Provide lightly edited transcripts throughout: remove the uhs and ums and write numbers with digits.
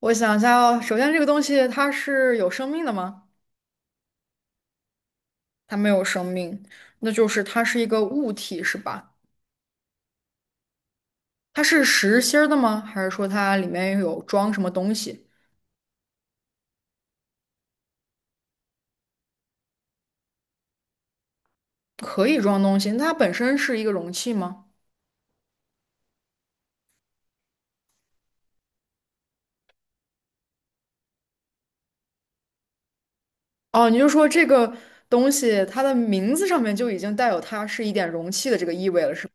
我想一下哦，首先这个东西它是有生命的吗？它没有生命，那就是它是一个物体，是吧？它是实心儿的吗？还是说它里面有装什么东西？可以装东西，那它本身是一个容器吗？哦，你就说这个东西它的名字上面就已经带有它是一点容器的这个意味了，是吧？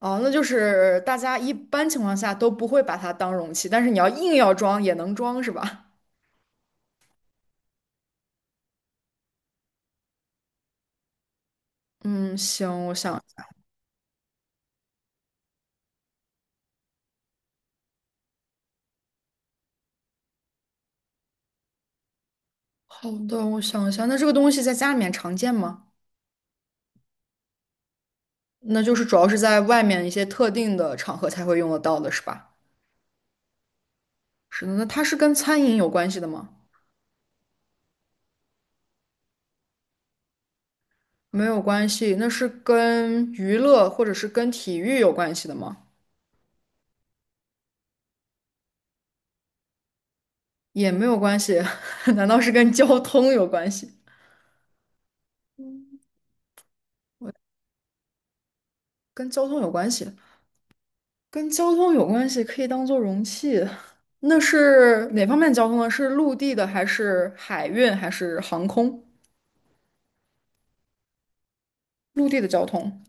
哦，那就是大家一般情况下都不会把它当容器，但是你要硬要装也能装，是吧？嗯，行，我想。好的，我想一下，那这个东西在家里面常见吗？那就是主要是在外面一些特定的场合才会用得到的，是吧？是的，那它是跟餐饮有关系的吗？没有关系，那是跟娱乐或者是跟体育有关系的吗？也没有关系，难道是跟交通有关系？跟交通有关系，跟交通有关系，可以当做容器。那是哪方面交通呢？是陆地的还是海运还是航空？陆地的交通。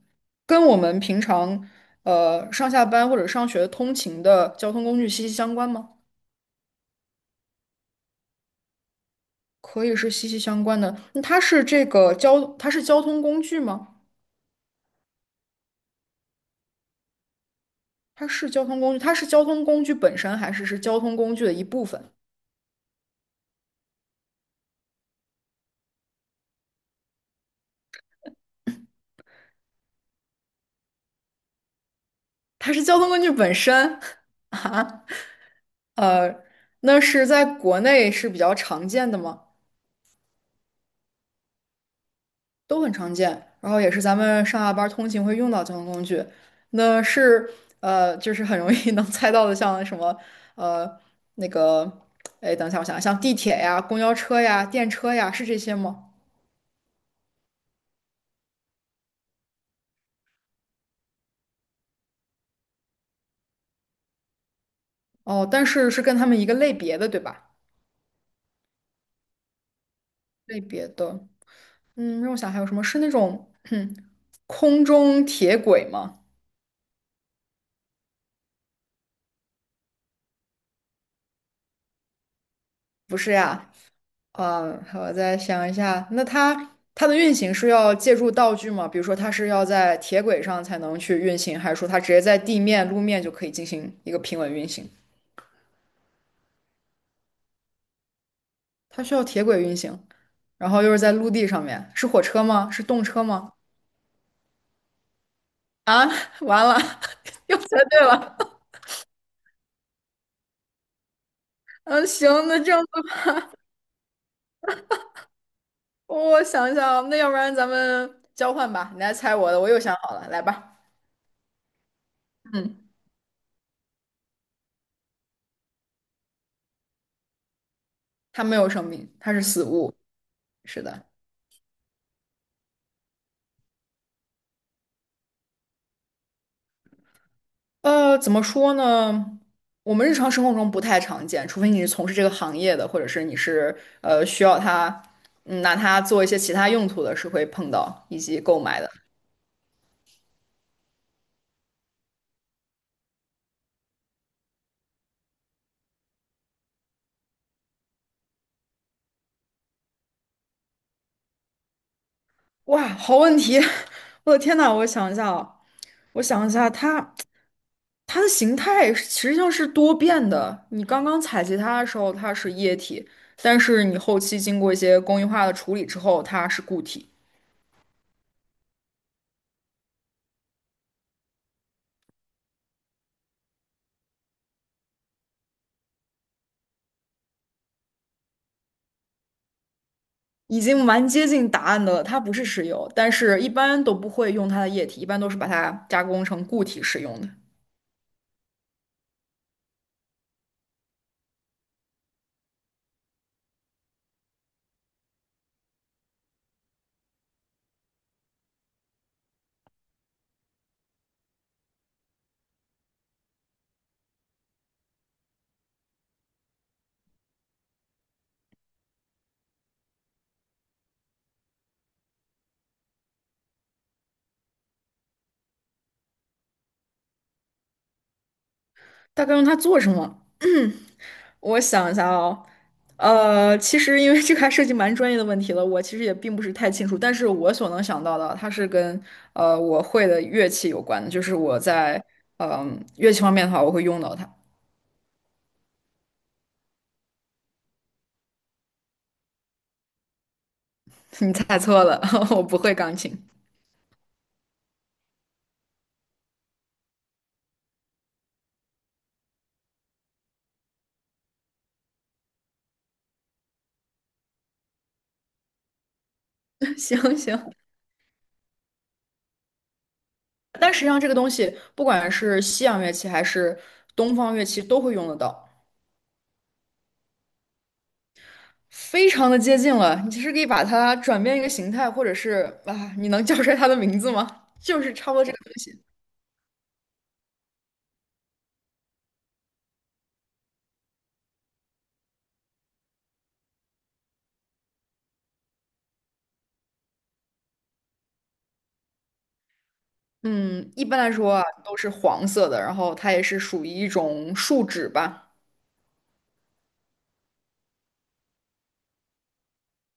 跟我们平常上下班或者上学通勤的交通工具息息相关吗？可以是息息相关的。那它是这个交，它是交通工具吗？它是交通工具，它是交通工具本身，还是是交通工具的一部分？它是交通工具本身 啊，呃，那是在国内是比较常见的吗？都很常见，然后也是咱们上下班儿通勤会用到交通工具。那是就是很容易 能猜到的，像什么呃那个，哎，等一下，我想想，像地铁呀、公交车呀、电车呀，是这些吗？哦，但是是跟他们一个类别的，对吧？类别的，嗯，让我想还有什么是那种 空中铁轨吗？不是呀，啊，好，我再想一下，那它的运行是要借助道具吗？比如说，它是要在铁轨上才能去运行，还是说它直接在地面、路面就可以进行一个平稳运行？它需要铁轨运行，然后又是在陆地上面，是火车吗？是动车吗？啊，完了，又猜对了。嗯，行，那这样子，我想一想，那要不然咱们交换吧，你来猜我的，我又想好了，来吧。它没有生命，它是死物。是的。呃，怎么说呢？我们日常生活中不太常见，除非你是从事这个行业的，或者是你是需要它，嗯，拿它做一些其他用途的，是会碰到以及购买的。哇，好问题！我的天呐，我想一下啊，我想一下，它的形态是实际上是多变的。你刚刚采集它的时候，它是液体，但是你后期经过一些工艺化的处理之后，它是固体。已经蛮接近答案的了，它不是石油，但是一般都不会用它的液体，一般都是把它加工成固体使用的。大概用它做什么？我想一下哦，呃，其实因为这个还涉及蛮专业的问题了，我其实也并不是太清楚，但是我所能想到的，它是跟我会的乐器有关的，就是我在嗯、乐器方面的话，我会用到它。你猜错了，我不会钢琴。行行，但实际上，这个东西不管是西洋乐器还是东方乐器都会用得到，非常的接近了。你其实可以把它转变一个形态，或者是啊，你能叫出来它的名字吗？就是差不多这个东西。嗯，一般来说啊，都是黄色的，然后它也是属于一种树脂吧。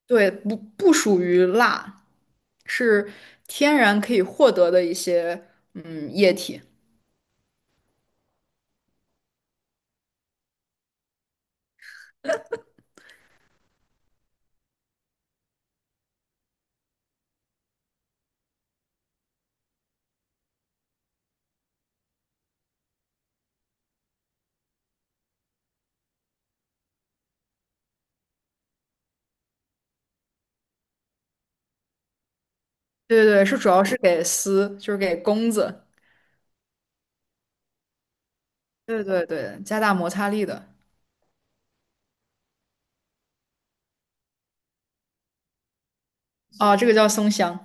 对，不属于蜡，是天然可以获得的一些嗯液体。对对对，是主要是给丝，就是给弓子。对对对，加大摩擦力的。啊，这个叫松香。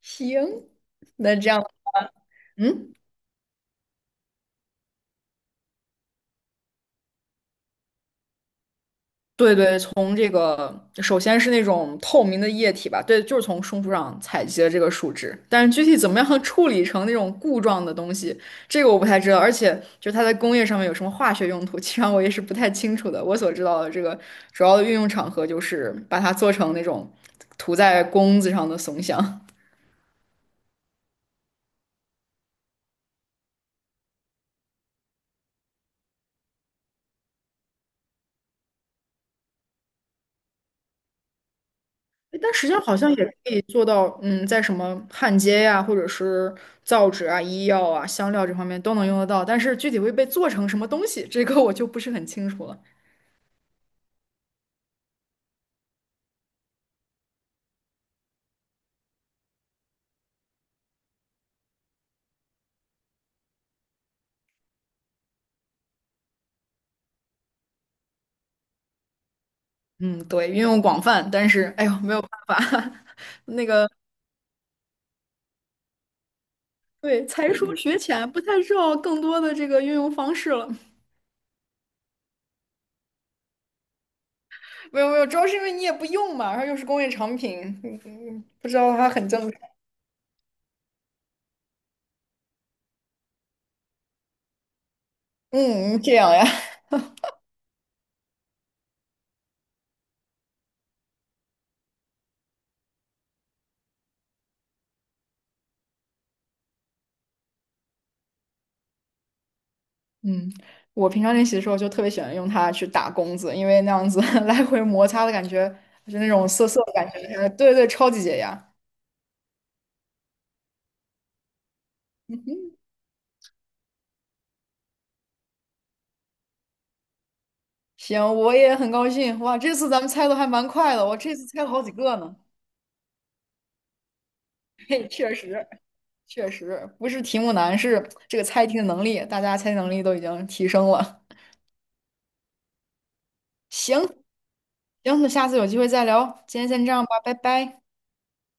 行，那这样，嗯，对对，从这个首先是那种透明的液体吧，对，就是从松树上采集的这个树脂，但是具体怎么样处理成那种固状的东西，这个我不太知道，而且就是它在工业上面有什么化学用途，其实上我也是不太清楚的。我所知道的这个主要的运用场合就是把它做成那种涂在弓子上的松香。诶但实际上好像也可以做到，嗯，在什么焊接呀、或者是造纸啊、医药啊、香料这方面都能用得到，但是具体会被做成什么东西，这个我就不是很清楚了。嗯，对，运用广泛，但是哎呦，没有办法，那个对，才疏学浅，不太知道更多的这个运用方式了。没有没有，主要是因为你也不用嘛，然后又是工业产品，嗯，不知道它很正常。嗯，这样呀。嗯，我平常练习的时候就特别喜欢用它去打弓子，因为那样子 来回摩擦的感觉，就那种涩涩的感觉，对对，超级解压。行，我也很高兴，哇，这次咱们猜的还蛮快的，我这次猜了好几个呢。嘿，确实不是题目难，是这个猜题的能力，大家猜题能力都已经提升了。行行，那下次有机会再聊，今天先这样吧，拜拜。